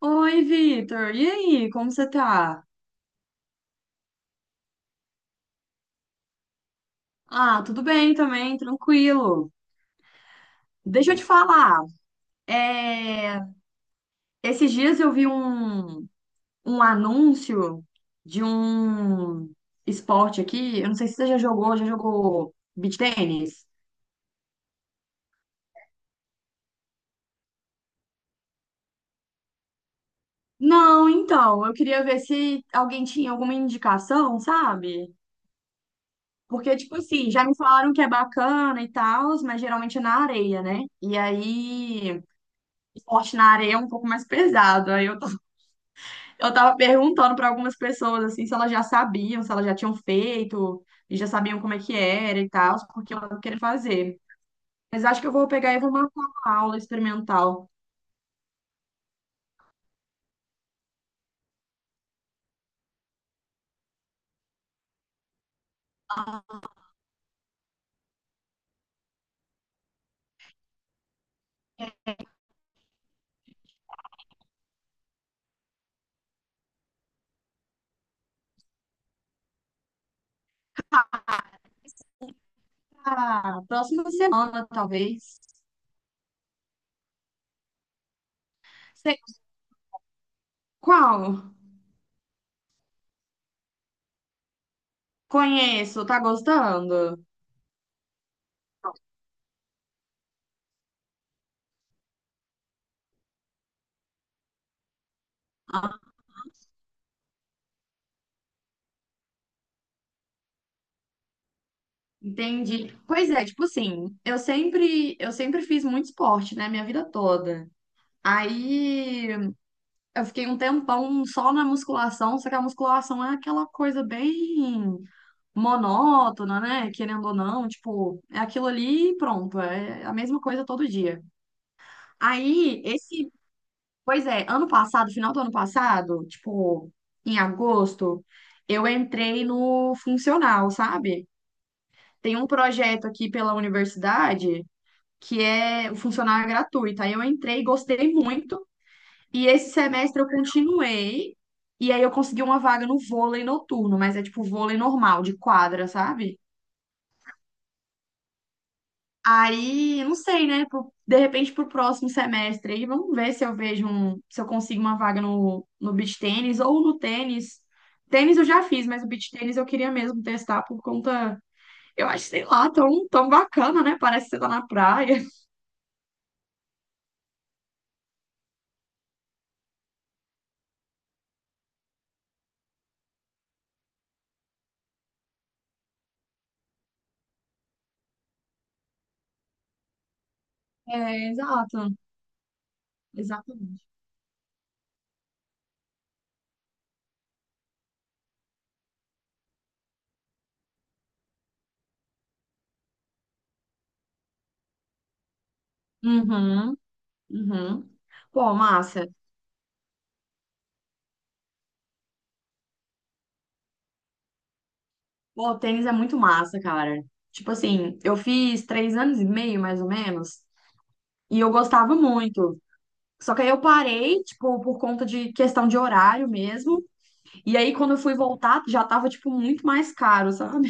Oi, Vitor. E aí, como você tá? Ah, tudo bem também, tranquilo. Deixa eu te falar. é, Esses dias eu vi um anúncio de um esporte aqui. Eu não sei se você já jogou beach tênis? Não, então, eu queria ver se alguém tinha alguma indicação, sabe? Porque, tipo assim, já me falaram que é bacana e tal, mas geralmente é na areia, né? E aí, esporte na areia é um pouco mais pesado. Aí eu tô Eu tava perguntando pra algumas pessoas assim se elas já sabiam, se elas já tinham feito e já sabiam como é que era e tal, porque eu tava querendo fazer. Mas acho que eu vou pegar e vou marcar uma aula experimental. Ah, próxima semana, talvez. Sei- Qual? Conheço, tá gostando? Ah, entendi. Pois é, tipo assim, eu sempre fiz muito esporte, né, minha vida toda. Aí eu fiquei um tempão só na musculação, só que a musculação é aquela coisa bem monótona, né? Querendo ou não, tipo, é aquilo ali e pronto, é a mesma coisa todo dia. Aí, esse, pois é, ano passado, final do ano passado, tipo, em agosto, eu entrei no funcional, sabe? Tem um projeto aqui pela universidade que é o funcional é gratuito. Aí eu entrei, gostei muito, e esse semestre eu continuei. E aí eu consegui uma vaga no vôlei noturno, mas é tipo vôlei normal, de quadra, sabe? Aí, não sei, né? De repente, pro próximo semestre aí, vamos ver se eu consigo uma vaga no beach tênis ou no tênis. Tênis eu já fiz, mas o beach tênis eu queria mesmo testar por conta, eu acho, sei lá, tão, tão bacana, né? Parece que você tá na praia. É, exato, exatamente. Uhum, uhum. Pô, massa. Pô, o tênis é muito massa, cara. Tipo assim, eu fiz 3 anos e meio, mais ou menos, e eu gostava muito. Só que aí eu parei, tipo, por conta de questão de horário mesmo. E aí, quando eu fui voltar, já tava, tipo, muito mais caro, sabe?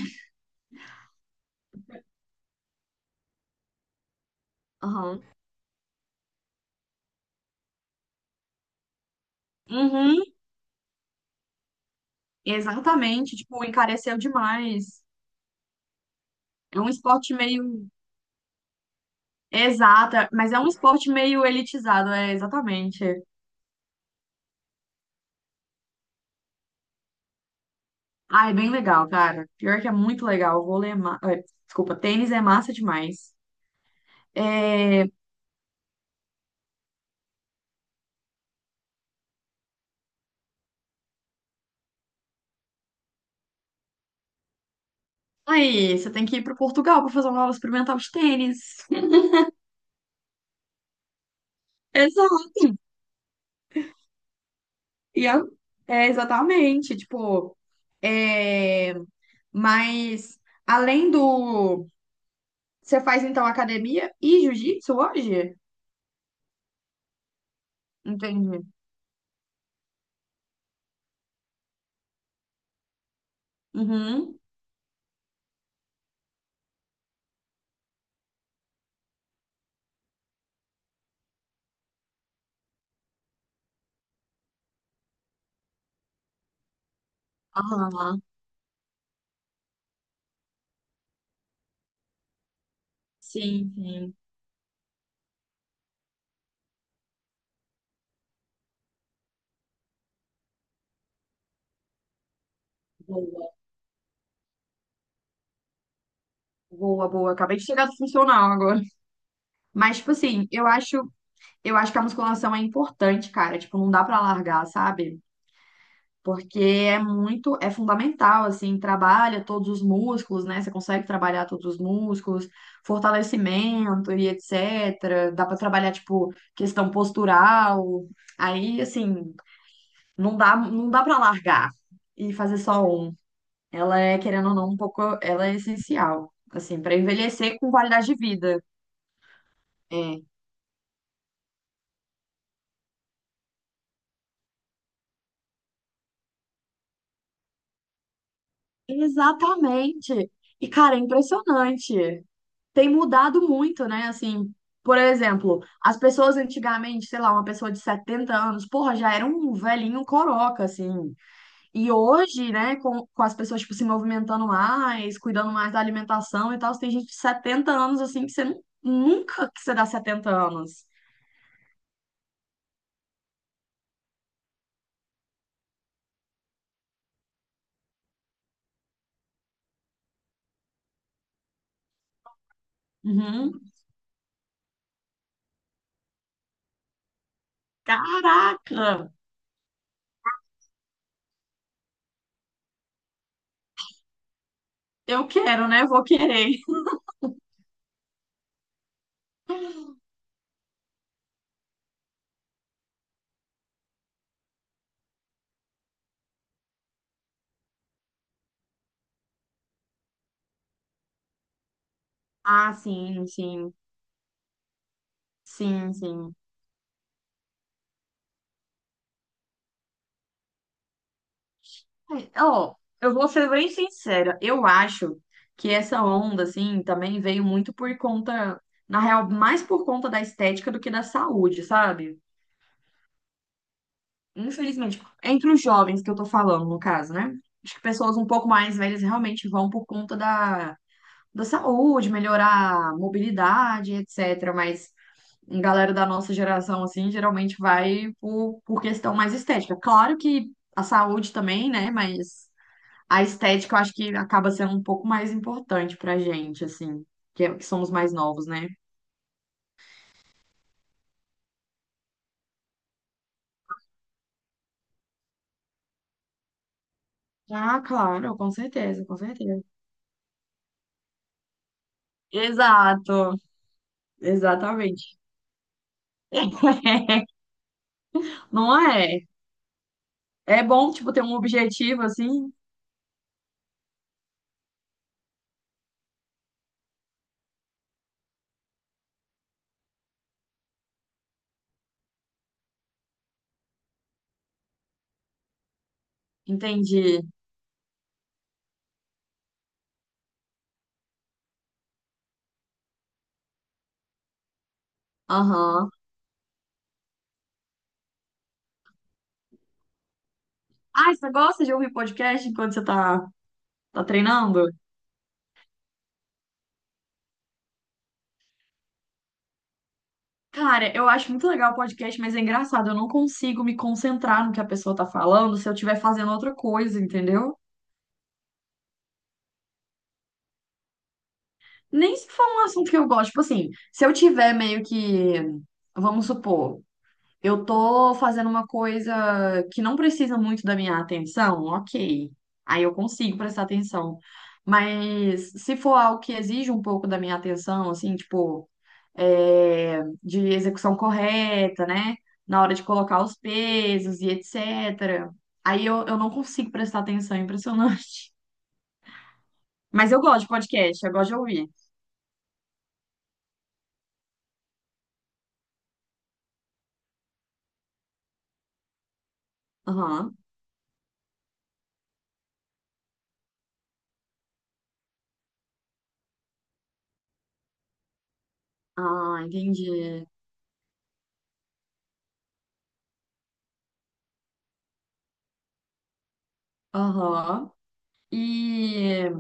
Aham. Uhum, exatamente. Tipo, encareceu demais. É um esporte meio. Exata, mas é um esporte meio elitizado, exatamente. Ah, é bem legal, cara. Pior que é muito legal. Vôlei é ma... eh, Desculpa, tênis é massa demais. É, Aí, você tem que ir pro Portugal pra fazer uma aula experimental de tênis. Exato. E a- exatamente, tipo, é, mas além do. Você faz então academia e jiu-jitsu hoje? Entendi. Uhum. Ah, sim, sim. Boa, boa, boa. Acabei de chegar do funcional agora. Mas, tipo assim, eu acho que a musculação é importante, cara. Tipo, não dá pra largar, sabe? Porque é fundamental, assim, trabalha todos os músculos, né? Você consegue trabalhar todos os músculos, fortalecimento e etc. Dá para trabalhar, tipo, questão postural. Aí, assim, não dá para largar e fazer só um. Ela é, querendo ou não, um pouco, ela é essencial, assim, para envelhecer com qualidade de vida. É. Exatamente. E, cara, é impressionante. Tem mudado muito, né? Assim, por exemplo, as pessoas antigamente, sei lá, uma pessoa de 70 anos, porra, já era um velhinho coroca, assim. E hoje, né, com as pessoas, tipo, se movimentando mais, cuidando mais da alimentação e tal, tem gente de 70 anos, assim, que você nunca que você dá 70 anos. Uhum. Caraca! Eu quero, né? Vou querer. Ah, sim, sim. Sim, sim. É, ó, eu vou ser bem sincera, eu acho que essa onda, assim, também veio muito por conta, na real, mais por conta da estética do que da saúde, sabe? Infelizmente, entre os jovens que eu tô falando, no caso, né? Acho que pessoas um pouco mais velhas realmente vão por conta da saúde, melhorar a mobilidade, etc. Mas a galera da nossa geração, assim, geralmente vai por questão mais estética. Claro que a saúde também, né? A estética eu acho que acaba sendo um pouco mais importante pra gente, assim, que somos mais novos, né? Ah, claro, com certeza, com certeza. Exato, exatamente. Não é? É bom, tipo, ter um objetivo, assim. Entendi. Aham. Ah, você gosta de ouvir podcast enquanto você tá treinando? Cara, eu acho muito legal o podcast, mas é engraçado, eu não consigo me concentrar no que a pessoa tá falando se eu estiver fazendo outra coisa, entendeu? Nem se for um assunto que eu gosto, tipo assim, se eu tiver meio que, vamos supor, eu tô fazendo uma coisa que não precisa muito da minha atenção, ok. Aí eu consigo prestar atenção. Mas se for algo que exige um pouco da minha atenção, assim, tipo, de execução correta, né? Na hora de colocar os pesos e etc. Aí eu não consigo prestar atenção, é impressionante. Mas eu gosto de podcast, eu gosto de ouvir. Aham. Ah, entendi. Aham. E,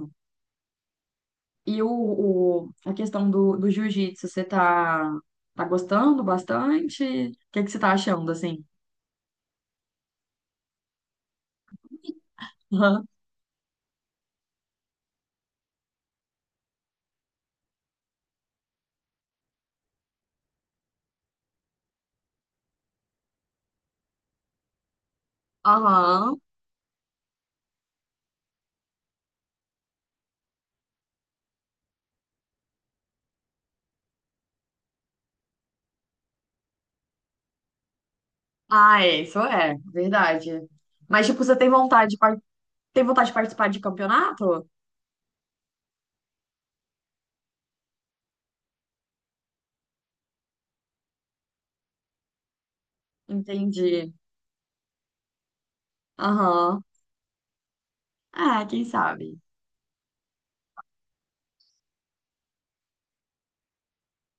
e o, a questão do jiu-jitsu, você tá gostando bastante? O que que você tá achando, assim? Aham. Aham. Ah, é, isso é, verdade. Mas, tipo, você tem vontade de participar de campeonato? Entendi. Aham. Ah, quem sabe?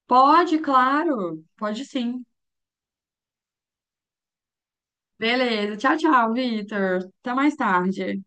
Pode, claro. Pode sim. Beleza. Tchau, tchau, Vitor. Até mais tarde.